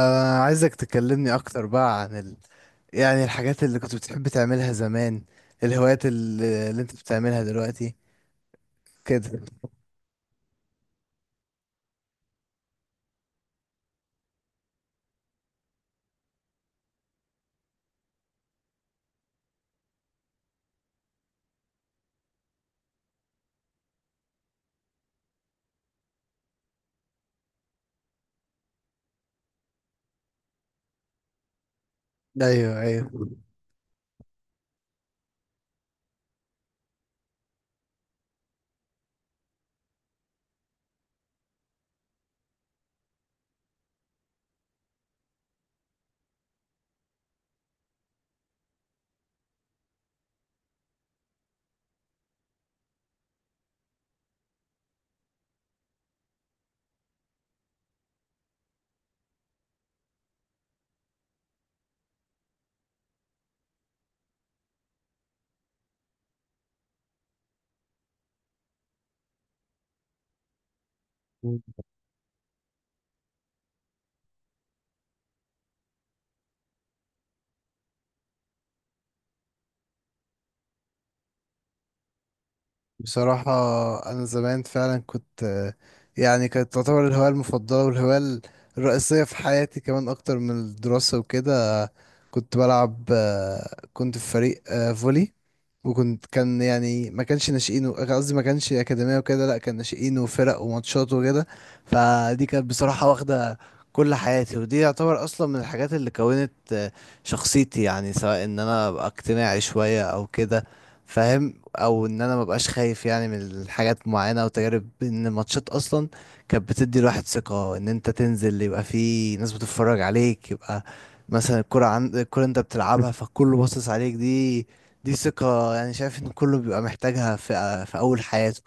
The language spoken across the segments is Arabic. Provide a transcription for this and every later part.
عايزك تكلمني أكتر بقى عن يعني الحاجات اللي كنت بتحب تعملها زمان، الهوايات اللي أنت بتعملها دلوقتي كده. أيوه أيوه. بصراحة أنا زمان فعلا كنت يعني كانت تعتبر الهواية المفضلة والهواية الرئيسية في حياتي كمان أكتر من الدراسة وكده. كنت بلعب كنت في فريق فولي. وكنت كان يعني ما كانش ناشئين قصدي ما كانش أكاديمية وكده، لا كان ناشئين وفرق وماتشات وكده. فدي كانت بصراحة واخدة كل حياتي، ودي يعتبر أصلا من الحاجات اللي كونت شخصيتي. يعني سواء إن أنا أبقى اجتماعي شوية أو كده فاهم، أو إن أنا مبقاش خايف يعني من الحاجات معينة وتجارب. إن الماتشات أصلا كانت بتدي الواحد ثقة، إن أنت تنزل يبقى في ناس بتتفرج عليك، يبقى مثلا الكرة عند الكرة أنت بتلعبها فكله باصص عليك. دي ثقة يعني. شايف ان كله بيبقى محتاجها في اول حياته.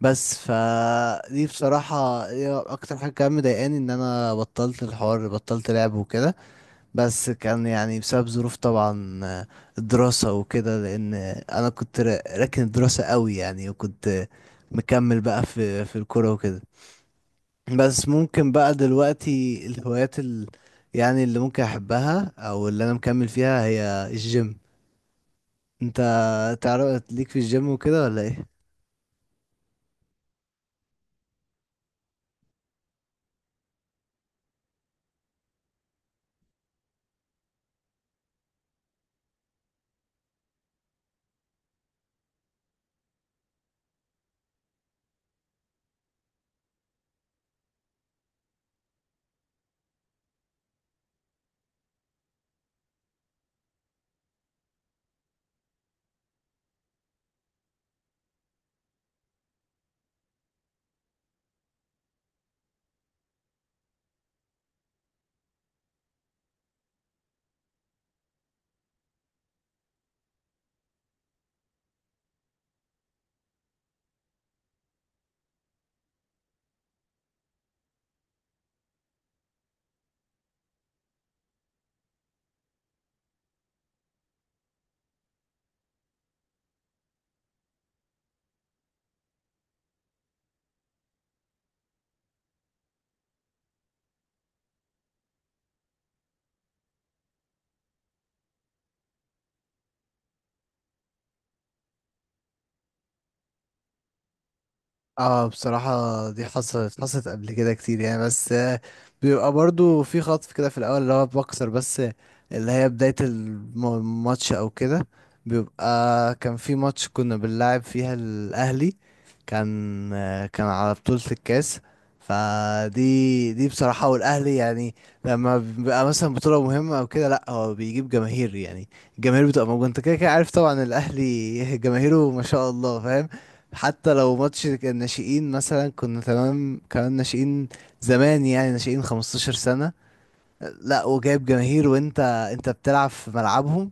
بس فدي بصراحة هي اكتر حاجة كان مضايقاني، ان انا بطلت الحوار بطلت لعب وكده. بس كان يعني بسبب ظروف طبعا الدراسة وكده، لان انا كنت راكن الدراسة قوي يعني، وكنت مكمل بقى في الكورة وكده. بس ممكن بقى دلوقتي الهوايات ال يعني اللي ممكن احبها او اللي انا مكمل فيها هي الجيم. انت تعرف ليك في الجيم وكده ولا ايه؟ اه بصراحة دي حصلت قبل كده كتير يعني، بس بيبقى برضو في خطف كده في الأول اللي هو بكسر، بس اللي هي بداية الماتش أو كده. بيبقى كان في ماتش كنا بنلعب فيها الأهلي، كان على بطولة الكاس. فدي دي بصراحة، والأهلي يعني لما بيبقى مثلا بطولة مهمة أو كده لأ هو بيجيب جماهير. يعني الجماهير بتبقى موجودة، أنت كده كده عارف طبعا. الأهلي جماهيره ما شاء الله فاهم. حتى لو ماتش الناشئين مثلا، كنا تمام كمان ناشئين زمان يعني ناشئين 15 سنة. لا وجايب جماهير، وانت بتلعب في ملعبهم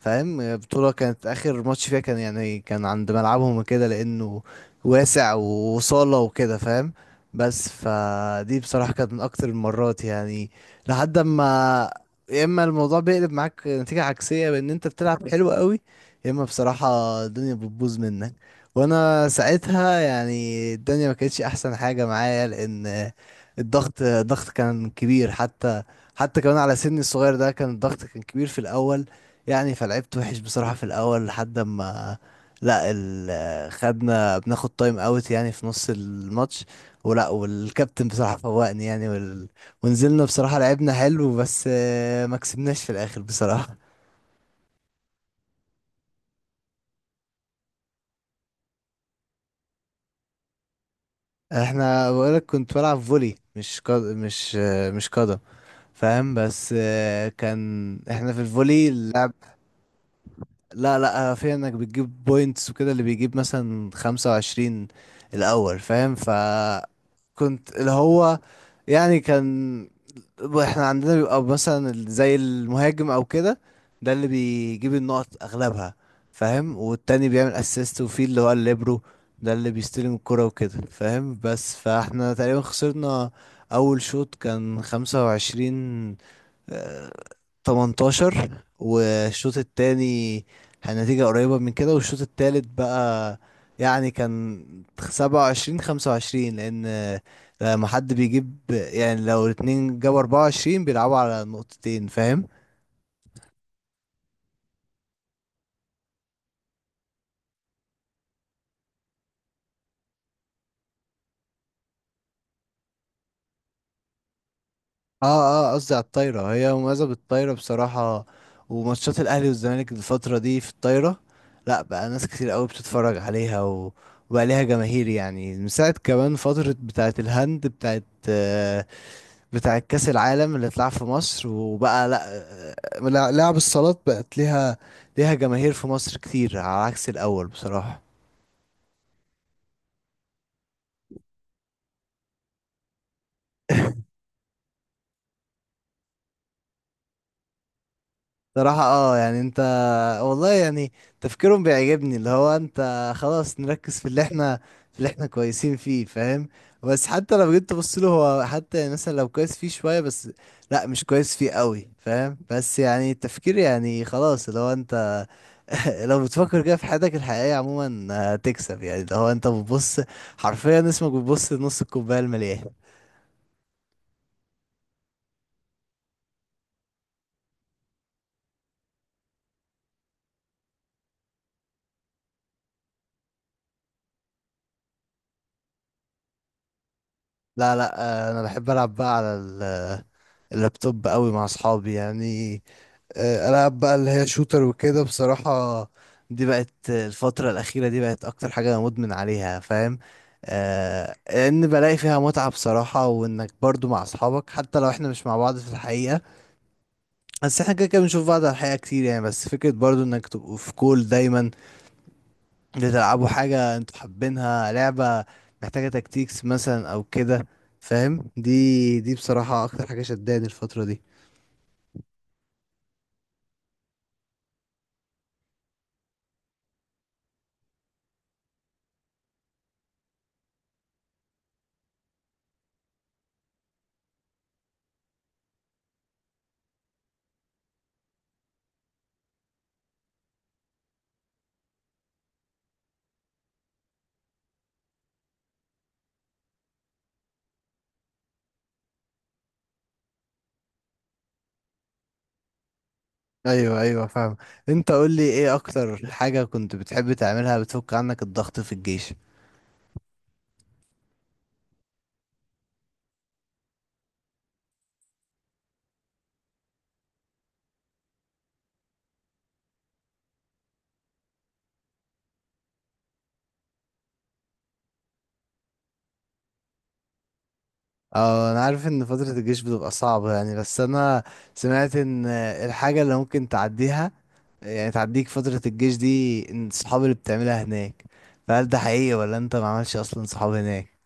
فاهم. بطولة كانت اخر ماتش فيها كان يعني كان عند ملعبهم كده، لانه واسع وصالة وكده فاهم. بس فدي بصراحة كانت من اكتر المرات يعني. لحد ما، يا اما الموضوع بيقلب معاك نتيجة عكسية بان انت بتلعب حلو قوي، يا اما بصراحة الدنيا بتبوظ منك. وانا ساعتها يعني الدنيا ما كانتش احسن حاجة معايا، لان الضغط كان كبير. حتى كمان على سني الصغير ده كان الضغط كان كبير في الاول، يعني فلعبت وحش بصراحة في الاول. لحد ما لا خدنا بناخد تايم اوت يعني في نص الماتش، ولا والكابتن بصراحة فوقني يعني ونزلنا بصراحة لعبنا حلو، بس ما كسبناش في الاخر بصراحة. احنا بقولك كنت بلعب فولي مش قدم فاهم، بس كان احنا في الفولي اللعب. لا لا في انك بتجيب بوينتس وكده، اللي بيجيب مثلا خمسة وعشرين الاول فاهم. ف كنت اللي هو يعني كان احنا عندنا بيبقى مثلا زي المهاجم او كده، ده اللي بيجيب النقط اغلبها فاهم. والتاني بيعمل اسيست، وفي اللي هو الليبرو ده اللي بيستلم الكرة وكده فاهم. بس فاحنا تقريبا خسرنا اول شوط كان خمسة وعشرين 18، والشوط التاني كان نتيجة قريبة من كده. والشوط التالت بقى يعني كان 27-25، لأن لما حد بيجيب يعني لو الاتنين جابوا 24 بيلعبوا على نقطتين فاهم؟ اه اه قصدي على الطايرة، هي مميزة بالطايرة بصراحة. وماتشات الأهلي والزمالك الفترة دي في الطايرة، لأ بقى ناس كتير قوي بتتفرج عليها و... وبقى ليها جماهير. يعني من ساعة كمان فترة بتاعة الهند، بتاعة بتاع كأس العالم اللي اتلعب في مصر، وبقى لا لعب الصالات بقت ليها جماهير في مصر كتير، على عكس الأول بصراحة. صراحة اه يعني انت والله يعني تفكيرهم بيعجبني، اللي هو انت خلاص نركز في اللي احنا كويسين فيه فاهم. بس حتى لو جيت تبص له هو حتى، يعني مثلا لو كويس فيه شوية بس، لا مش كويس فيه قوي فاهم. بس يعني التفكير يعني خلاص اللي هو انت لو بتفكر كده في حياتك الحقيقية عموما هتكسب. يعني ده هو انت بتبص حرفيا اسمك، بتبص لنص الكوباية المليان. لا لا انا بحب العب بقى على اللابتوب قوي مع اصحابي يعني. العب بقى اللي هي شوتر وكده بصراحة. دي بقت الفترة الأخيرة دي بقت أكتر حاجة أنا مدمن عليها فاهم. لأن بلاقي فيها متعة بصراحة، وإنك برضو مع أصحابك حتى لو إحنا مش مع بعض في الحقيقة. بس إحنا كده كده بنشوف بعض على الحقيقة كتير يعني، بس فكرة برضو إنك تبقوا في كول دايما، بتلعبوا حاجة انتوا حابينها، لعبة محتاجة تكتيكس مثلا او كده فاهم. دي بصراحة اكتر حاجة شداني الفترة دي. ايوه ايوه فاهم. انت قول لي ايه اكتر حاجة كنت بتحب تعملها بتفك عنك الضغط في الجيش؟ اه انا عارف ان فترة الجيش بتبقى صعبة يعني، بس انا سمعت ان الحاجة اللي ممكن تعديها، يعني تعديك فترة الجيش دي، ان الصحاب اللي بتعملها هناك. فهل ده حقيقي ولا انت ما عملش اصلا صحاب هناك؟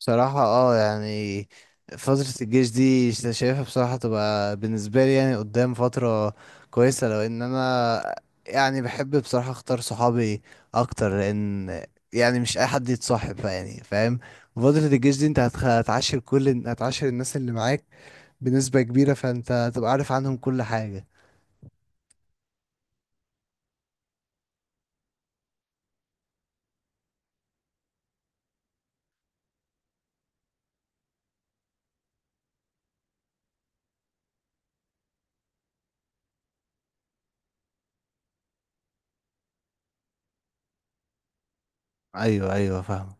بصراحة اه يعني فترة الجيش دي شايفها بصراحة تبقى بالنسبة لي يعني قدام فترة كويسة، لو ان انا يعني بحب بصراحة اختار صحابي اكتر. لان يعني مش اي حد يتصاحب بقى يعني فاهم، فترة الجيش دي انت هتعاشر كل الناس اللي معاك بنسبة كبيرة، فانت هتبقى عارف عنهم كل حاجة. ايوه ايوه فاهم.